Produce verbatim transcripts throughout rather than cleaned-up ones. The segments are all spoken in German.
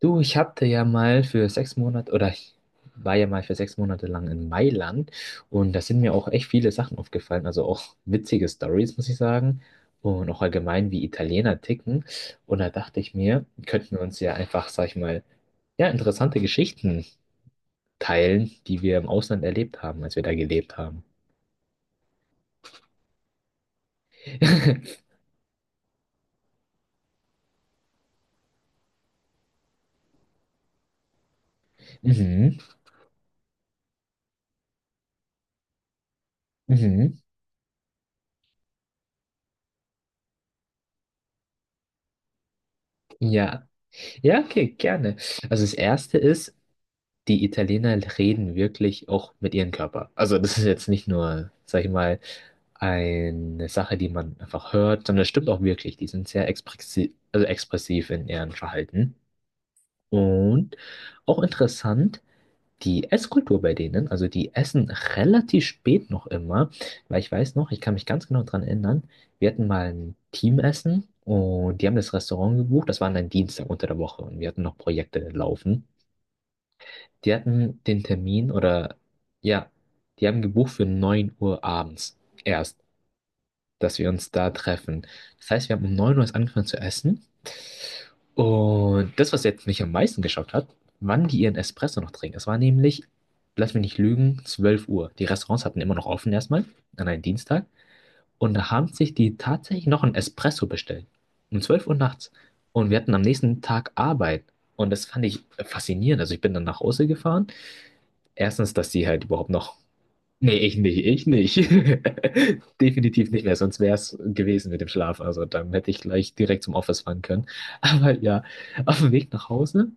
Du, ich hatte ja mal für sechs Monate oder ich war ja mal für sechs Monate lang in Mailand und da sind mir auch echt viele Sachen aufgefallen, also auch witzige Stories, muss ich sagen, und auch allgemein, wie Italiener ticken. Und da dachte ich mir, könnten wir uns ja einfach, sag ich mal, ja, interessante Geschichten teilen, die wir im Ausland erlebt haben, als wir da gelebt haben. Mhm, mhm, ja. Ja, okay, gerne. Also das erste ist, die Italiener reden wirklich auch mit ihrem Körper. Also das ist jetzt nicht nur, sag ich mal, eine Sache, die man einfach hört, sondern das stimmt auch wirklich. Die sind sehr expressiv, also expressiv in ihrem Verhalten. Und auch interessant, die Esskultur bei denen, also die essen relativ spät noch immer, weil ich weiß noch, ich kann mich ganz genau dran erinnern, wir hatten mal ein Teamessen und die haben das Restaurant gebucht, das war dann Dienstag unter der Woche und wir hatten noch Projekte laufen. Die hatten den Termin oder ja, die haben gebucht für neun Uhr abends erst, dass wir uns da treffen. Das heißt, wir haben um neun Uhr erst angefangen zu essen. Und das, was jetzt mich am meisten geschockt hat, wann die ihren Espresso noch trinken. Es war nämlich, lass mich nicht lügen, zwölf Uhr. Die Restaurants hatten immer noch offen erstmal an einem Dienstag. Und da haben sich die tatsächlich noch einen Espresso bestellt. Um zwölf Uhr nachts. Und wir hatten am nächsten Tag Arbeit. Und das fand ich faszinierend. Also ich bin dann nach Hause gefahren. Erstens, dass sie halt überhaupt noch Nee, ich nicht, ich nicht. Definitiv nicht mehr, sonst wäre es gewesen mit dem Schlaf. Also dann hätte ich gleich direkt zum Office fahren können. Aber ja, auf dem Weg nach Hause,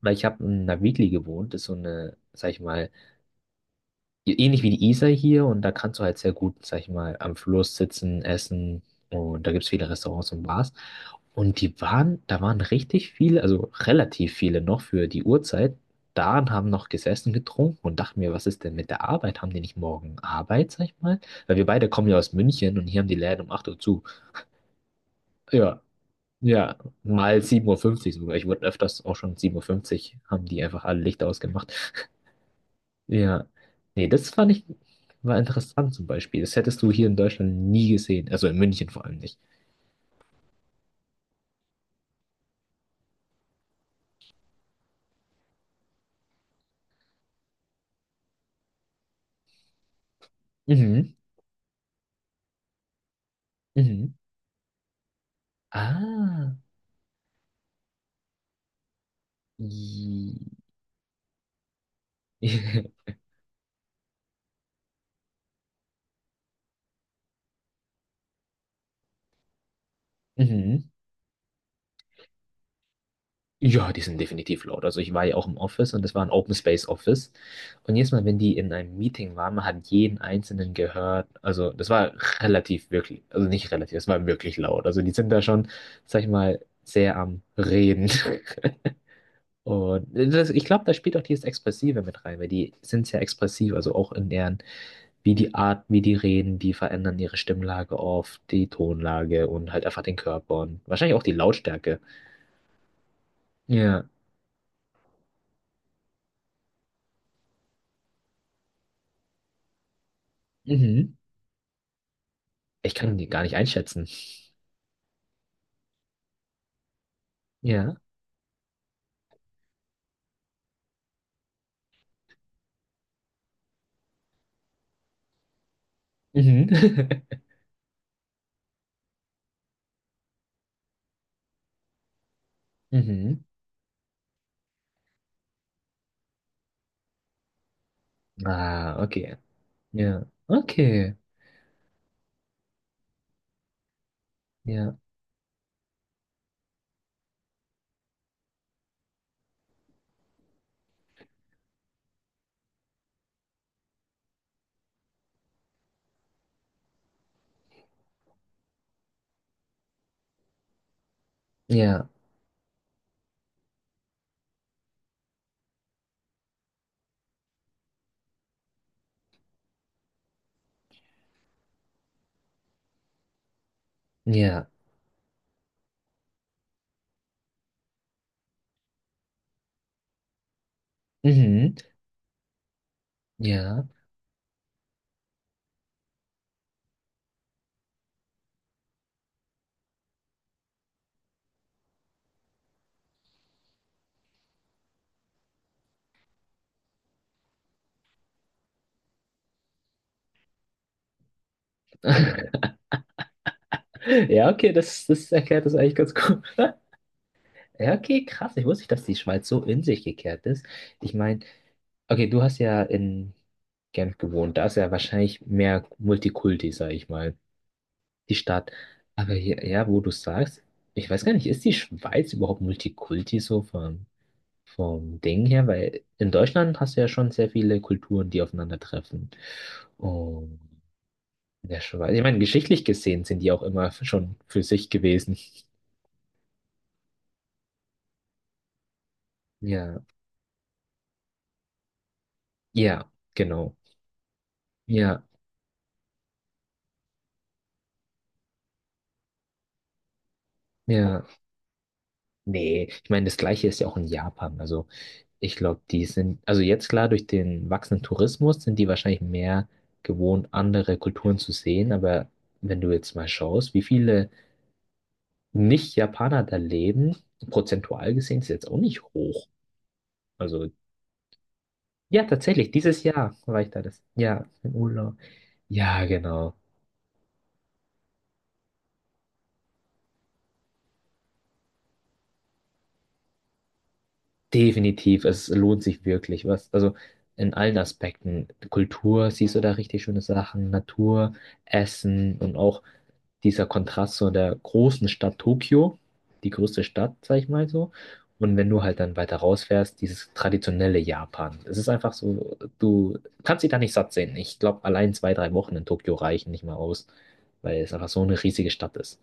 weil ich habe in einer Weekly gewohnt, das ist so eine, sag ich mal, ähnlich wie die Isar hier und da kannst du halt sehr gut, sag ich mal, am Fluss sitzen, essen und da gibt es viele Restaurants und Bars. Und die waren, da waren richtig viele, also relativ viele noch für die Uhrzeit da und haben noch gesessen, getrunken und dachten mir, was ist denn mit der Arbeit? Haben die nicht morgen Arbeit, sag ich mal? Weil wir beide kommen ja aus München und hier haben die Läden um acht Uhr zu. Ja, ja, mal sieben Uhr fünfzig sogar. Ich wurde öfters auch schon sieben Uhr fünfzig haben die einfach alle Lichter ausgemacht. Ja, nee, das fand ich war interessant zum Beispiel. Das hättest du hier in Deutschland nie gesehen. Also in München vor allem nicht. Mhm, mhm. Ah, i- mhm. Ja, die sind definitiv laut. Also ich war ja auch im Office und das war ein Open Space Office. Und jedes Mal, wenn die in einem Meeting waren, man hat jeden Einzelnen gehört. Also das war relativ wirklich, also nicht relativ, das war wirklich laut. Also die sind da schon, sag ich mal, sehr am Reden. Und das, ich glaube, da spielt auch dieses Expressive mit rein, weil die sind sehr expressiv, also auch in deren, wie die Art, wie die reden, die verändern ihre Stimmlage auf die Tonlage und halt einfach den Körper und wahrscheinlich auch die Lautstärke. Ja. Mhm. Ich kann die gar nicht einschätzen. Ja. Mhm. Mhm. Ah, okay. Ja. Okay. Ja. Ja. Ja. Mhm. Ja. Ja, okay, das, das erklärt das eigentlich ganz gut. Ja, okay, krass. Ich wusste nicht, dass die Schweiz so in sich gekehrt ist. Ich meine, okay, du hast ja in Genf gewohnt. Da ist ja wahrscheinlich mehr Multikulti, sag ich mal, die Stadt. Aber hier, ja, wo du sagst, ich weiß gar nicht, ist die Schweiz überhaupt Multikulti so vom, vom, Ding her? Weil in Deutschland hast du ja schon sehr viele Kulturen, die aufeinandertreffen. Und in der Schweiz, ich meine, geschichtlich gesehen sind die auch immer schon für sich gewesen. Ja, ja, genau. Ja, ja. Nee, ich meine, das Gleiche ist ja auch in Japan. Also ich glaube, die sind, also jetzt klar, durch den wachsenden Tourismus sind die wahrscheinlich mehr gewohnt, andere Kulturen zu sehen. Aber wenn du jetzt mal schaust, wie viele Nicht-Japaner da leben, prozentual gesehen ist jetzt auch nicht hoch. Also ja, tatsächlich, dieses Jahr war ich da, das ja im Urlaub. Ja, genau. Definitiv, es lohnt sich wirklich was. Also in allen Aspekten. Kultur, siehst du da richtig schöne Sachen, Natur, Essen und auch dieser Kontrast so der großen Stadt Tokio, die größte Stadt, sag ich mal so. Und wenn du halt dann weiter rausfährst, dieses traditionelle Japan. Es ist einfach so, du kannst dich da nicht satt sehen. Ich glaube, allein zwei, drei Wochen in Tokio reichen nicht mal aus, weil es einfach so eine riesige Stadt ist.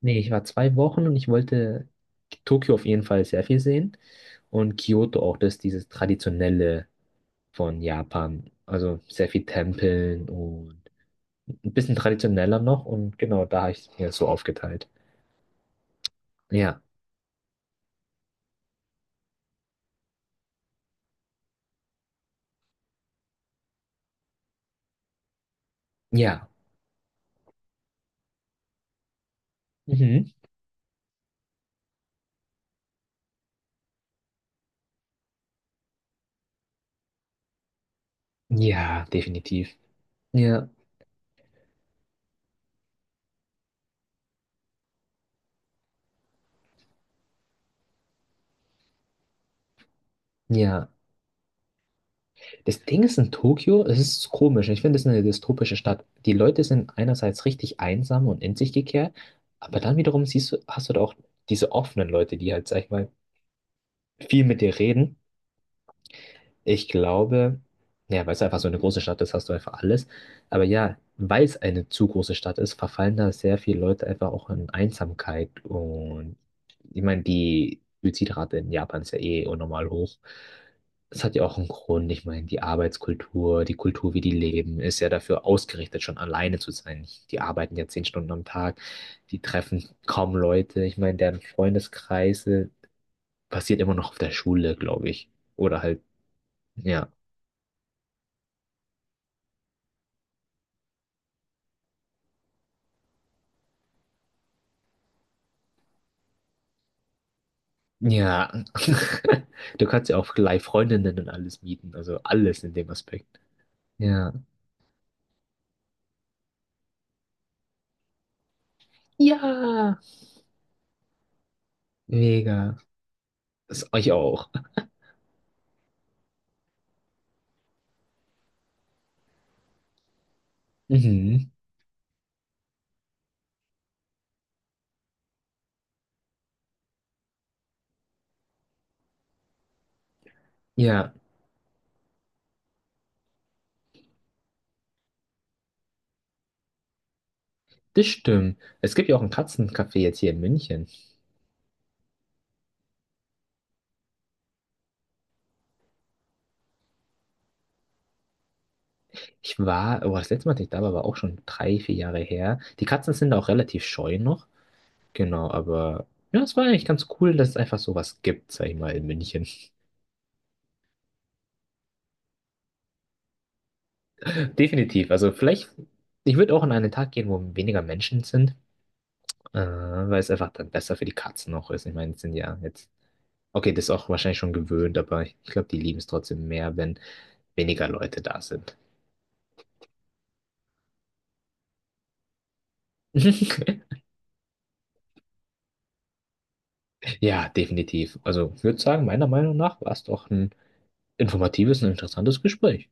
Nee, ich war zwei Wochen und ich wollte Tokio auf jeden Fall sehr viel sehen. Und Kyoto auch, das ist dieses traditionelle von Japan. Also sehr viel Tempeln und ein bisschen traditioneller noch und genau, da habe ich es mir so aufgeteilt. Ja, ja, mhm. Ja, definitiv. Ja, ja. Das Ding ist in Tokio, es ist komisch. Ich finde, es ist eine dystopische Stadt. Die Leute sind einerseits richtig einsam und in sich gekehrt, aber dann wiederum siehst du, hast du da auch diese offenen Leute, die halt, sag ich mal, viel mit dir reden. Ich glaube, ja, weil es einfach so eine große Stadt ist, hast du einfach alles. Aber ja, weil es eine zu große Stadt ist, verfallen da sehr viele Leute einfach auch in Einsamkeit. Und ich meine, die Suizidrate in Japan ist ja eh unnormal hoch. Das hat ja auch einen Grund. Ich meine, die Arbeitskultur, die Kultur, wie die leben, ist ja dafür ausgerichtet, schon alleine zu sein. Die arbeiten ja zehn Stunden am Tag, die treffen kaum Leute. Ich meine, deren Freundeskreise basiert immer noch auf der Schule, glaube ich. Oder halt. Ja, ja, du kannst ja auch gleich Freundinnen und alles mieten, also alles in dem Aspekt. Ja. Ja, mega. Das euch auch. Mhm. Ja, das stimmt. Es gibt ja auch ein Katzencafé jetzt hier in München. Ich war, oh, das letzte Mal, dass ich da war, war auch schon drei, vier Jahre her. Die Katzen sind auch relativ scheu noch. Genau, aber ja, es war eigentlich ganz cool, dass es einfach sowas gibt, sag ich mal, in München. Definitiv. Also vielleicht, ich würde auch an einen Tag gehen, wo weniger Menschen sind. Äh, weil es einfach dann besser für die Katzen auch ist. Ich meine, es sind ja jetzt, okay, das ist auch wahrscheinlich schon gewöhnt, aber ich glaube, die lieben es trotzdem mehr, wenn weniger Leute da sind. Ja, definitiv. Also, ich würde sagen, meiner Meinung nach war es doch ein informatives und interessantes Gespräch.